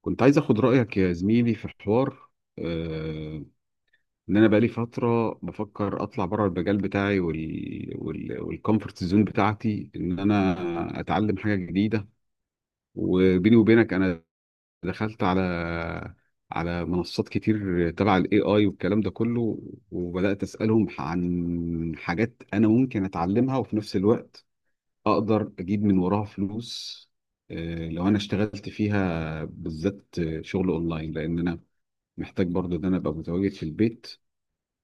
كنت عايز اخد رأيك يا زميلي في حوار، آه، ان انا بقالي فترة بفكر اطلع بره المجال بتاعي، والكومفورت زون بتاعتي، ان انا اتعلم حاجة جديدة. وبيني وبينك انا دخلت على منصات كتير تبع الاي اي والكلام ده كله، وبدأت اسألهم عن حاجات انا ممكن اتعلمها وفي نفس الوقت اقدر اجيب من وراها فلوس، لو انا اشتغلت فيها بالذات. شغل اونلاين، لان انا محتاج برضو ان انا ابقى متواجد في البيت،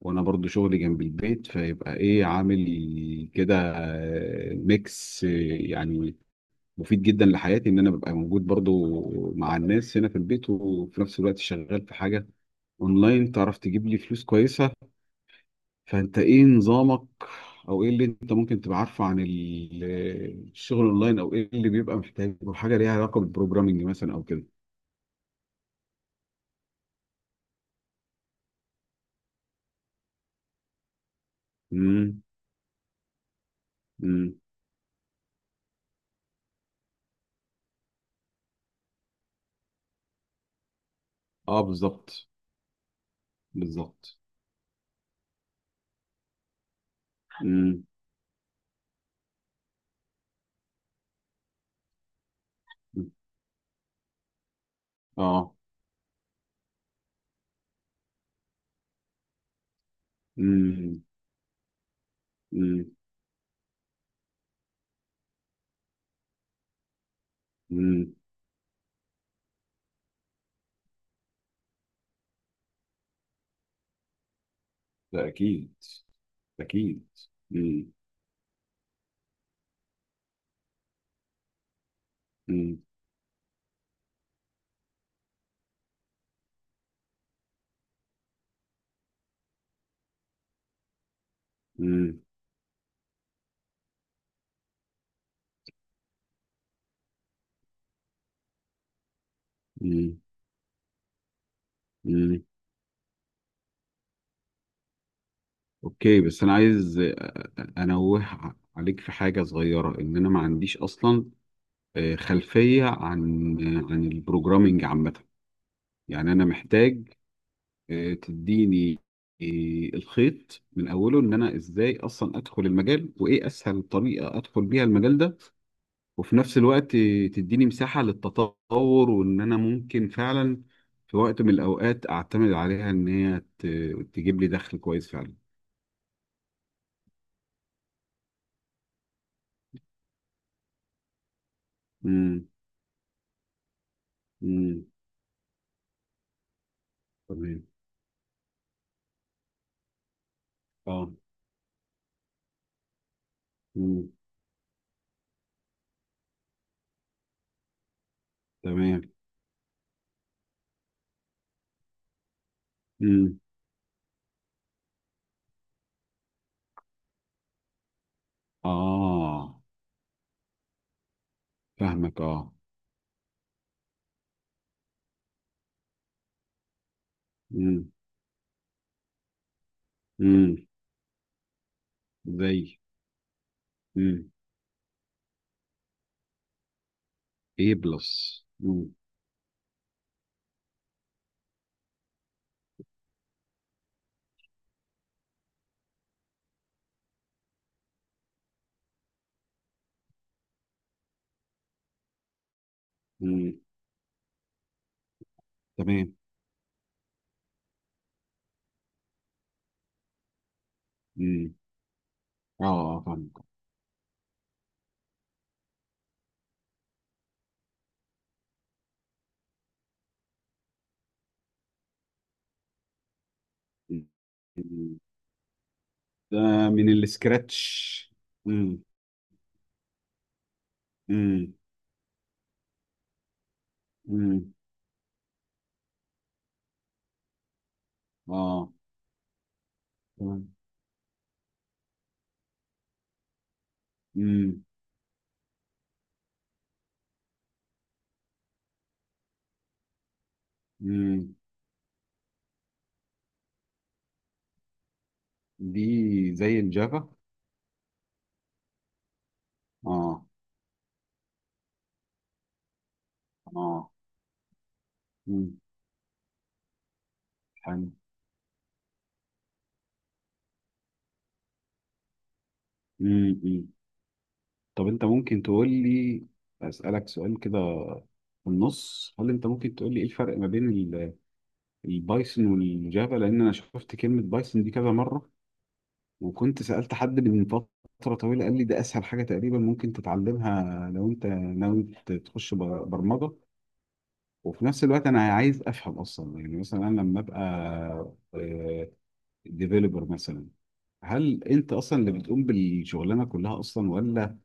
وانا برضو شغلي جنب البيت فيبقى ايه عامل كده. ميكس، يعني مفيد جدا لحياتي ان انا ببقى موجود برضو مع الناس هنا في البيت، وفي نفس الوقت شغال في حاجة اونلاين تعرف تجيب لي فلوس كويسة. فانت ايه نظامك، او ايه اللي انت ممكن تبقى عارفه عن الشغل اونلاين، او ايه اللي بيبقى محتاج، او حاجة ليها علاقة بالبروجرامينج مثلا او كده؟ امم. امم. اه، بالظبط. بالظبط. امم. إمم. اه. امم. امم. امم. ده اكيد. اكيد. امم. امم. امم. امم. امم. اوكي، بس انا عايز انوه عليك في حاجه صغيره: ان انا ما عنديش اصلا خلفيه عن البروجرامينج عامه. يعني انا محتاج تديني الخيط من اوله، ان انا ازاي اصلا ادخل المجال، وايه اسهل طريقه ادخل بيها المجال ده. وفي نفس الوقت تديني مساحة للتطور، وإن أنا ممكن فعلا في وقت من الأوقات أعتمد عليها، إن هي تجيب لي دخل كويس فعلا. امم. امم. تمام. اه. امم. تمام. امم. اه، فاهمك. اه. امم. امم. زي. امم. A+. امم. امم. تمام. امم. اه. آه، فاهمك. مم. مم. ده من السكراتش. امم. امم. امم. اه. تمام. مم. مم. دي زي الجافا. اه. اه. مم. حلو. مم. مم. طب انت ممكن تقول لي، اسالك سؤال كده في النص: هل انت ممكن تقول لي ايه الفرق ما بين البايثون والجافا؟ لان انا شفت كلمه بايثون دي كذا مره، وكنت سالت حد من فتره طويله قال لي ده اسهل حاجه تقريبا ممكن تتعلمها لو انت ناوي تخش برمجه. وفي نفس الوقت انا عايز افهم اصلا، يعني مثلا انا لما ابقى آه، ديفيلوبر مثلا، هل انت اصلا اللي بتقوم بالشغلانه كلها اصلا، ولا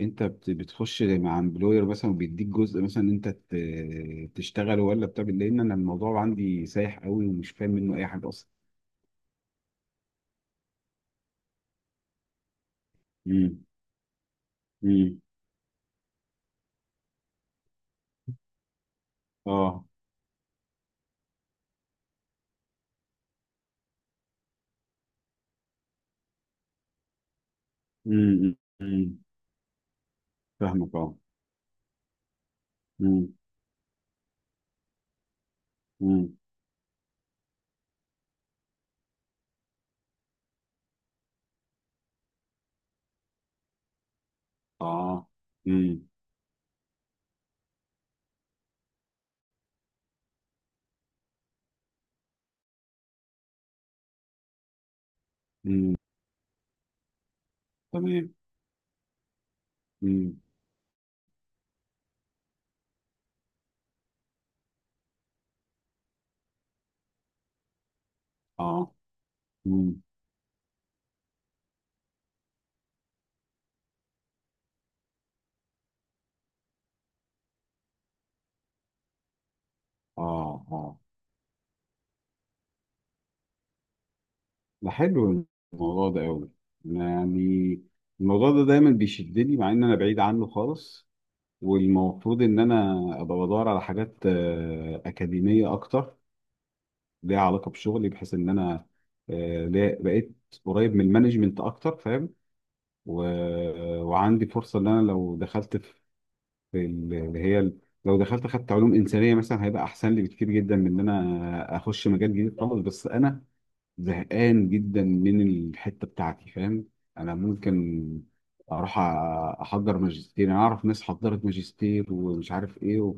انت بتخش مع امبلوير مثلا وبيديك جزء مثلا انت تشتغله ولا بتعمل؟ لان انا الموضوع عندي سايح قوي ومش فاهم منه اي حاجه اصلا. امم. امم. اه. امم. امم. فاهمك. اه. امم. امم. اه. امم. امم. تمام. امم. اه. امم. اه. اه. ده حلو. الموضوع ده قوي، يعني الموضوع ده دايما بيشدني مع ان انا بعيد عنه خالص. والمفروض ان انا ابقى بدور على حاجات اكاديميه اكتر ليها علاقه بشغلي، بحيث ان انا بقيت قريب من المانجمنت اكتر، فاهم. وعندي فرصه ان انا لو دخلت في لو دخلت خدت علوم انسانيه مثلا، هيبقى احسن لي بكتير جدا من ان انا اخش مجال جديد خالص. بس انا زهقان جدا من الحته بتاعتي، فاهم. انا ممكن اروح احضر ماجستير. انا اعرف ناس حضرت ماجستير ومش عارف ايه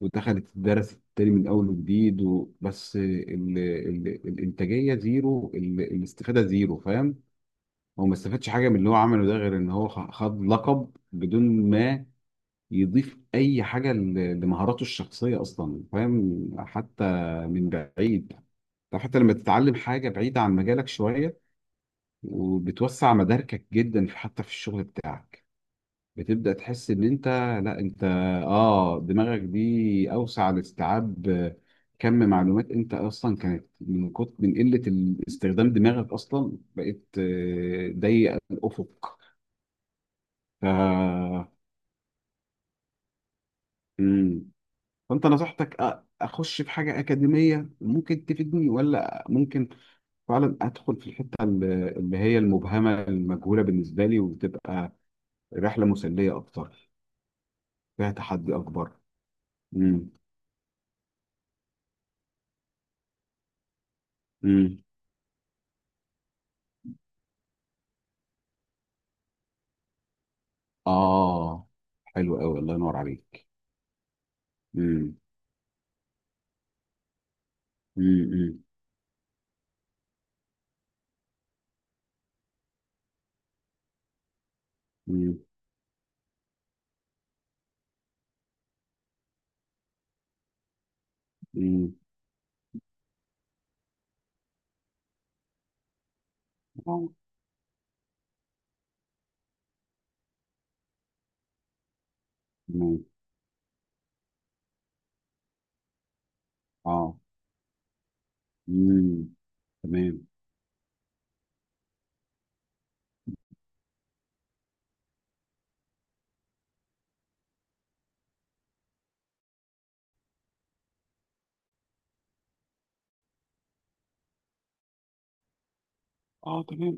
ودخلت الدرس تاني من اول وجديد، بس الانتاجيه زيرو، الاستفاده زيرو، فاهم. هو ما استفادش حاجه من اللي هو عمله ده غير ان هو خد لقب بدون ما يضيف اي حاجه لمهاراته الشخصيه اصلا، فاهم. حتى من بعيد، طب حتى لما تتعلم حاجة بعيدة عن مجالك شوية، وبتوسع مداركك جدا في حتى في الشغل بتاعك، بتبدأ تحس ان انت، لا، انت اه، دماغك دي اوسع لاستيعاب كم معلومات. انت اصلا كانت من كتر من قلة استخدام دماغك اصلا بقيت ضيق الافق. ف مم. فانت نصحتك اخش في حاجة اكاديمية ممكن تفيدني، ولا ممكن فعلا ادخل في الحتة اللي هي المبهمة المجهولة بالنسبة لي، وتبقى رحلة مسلية اكتر فيها تحدي اكبر؟ امم. امم. اه، حلو قوي، الله ينور عليك. امم. امم. امم. امم. اه. تمام. اه. مم. تمام. اه. تمام.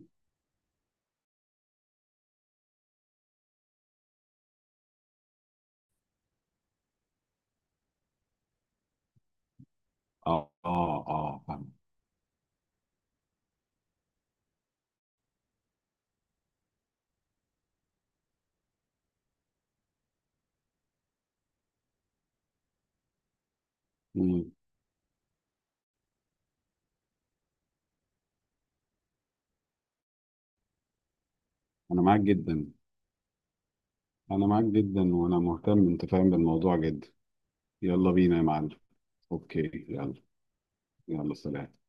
اه. اه. اه، فاهم. مم. انا معاك جدا. انا معاك جدا وانا مهتم، انت فاهم، بالموضوع جدا. يلا بينا يا معلم. اوكي، يلا. يلا سلام.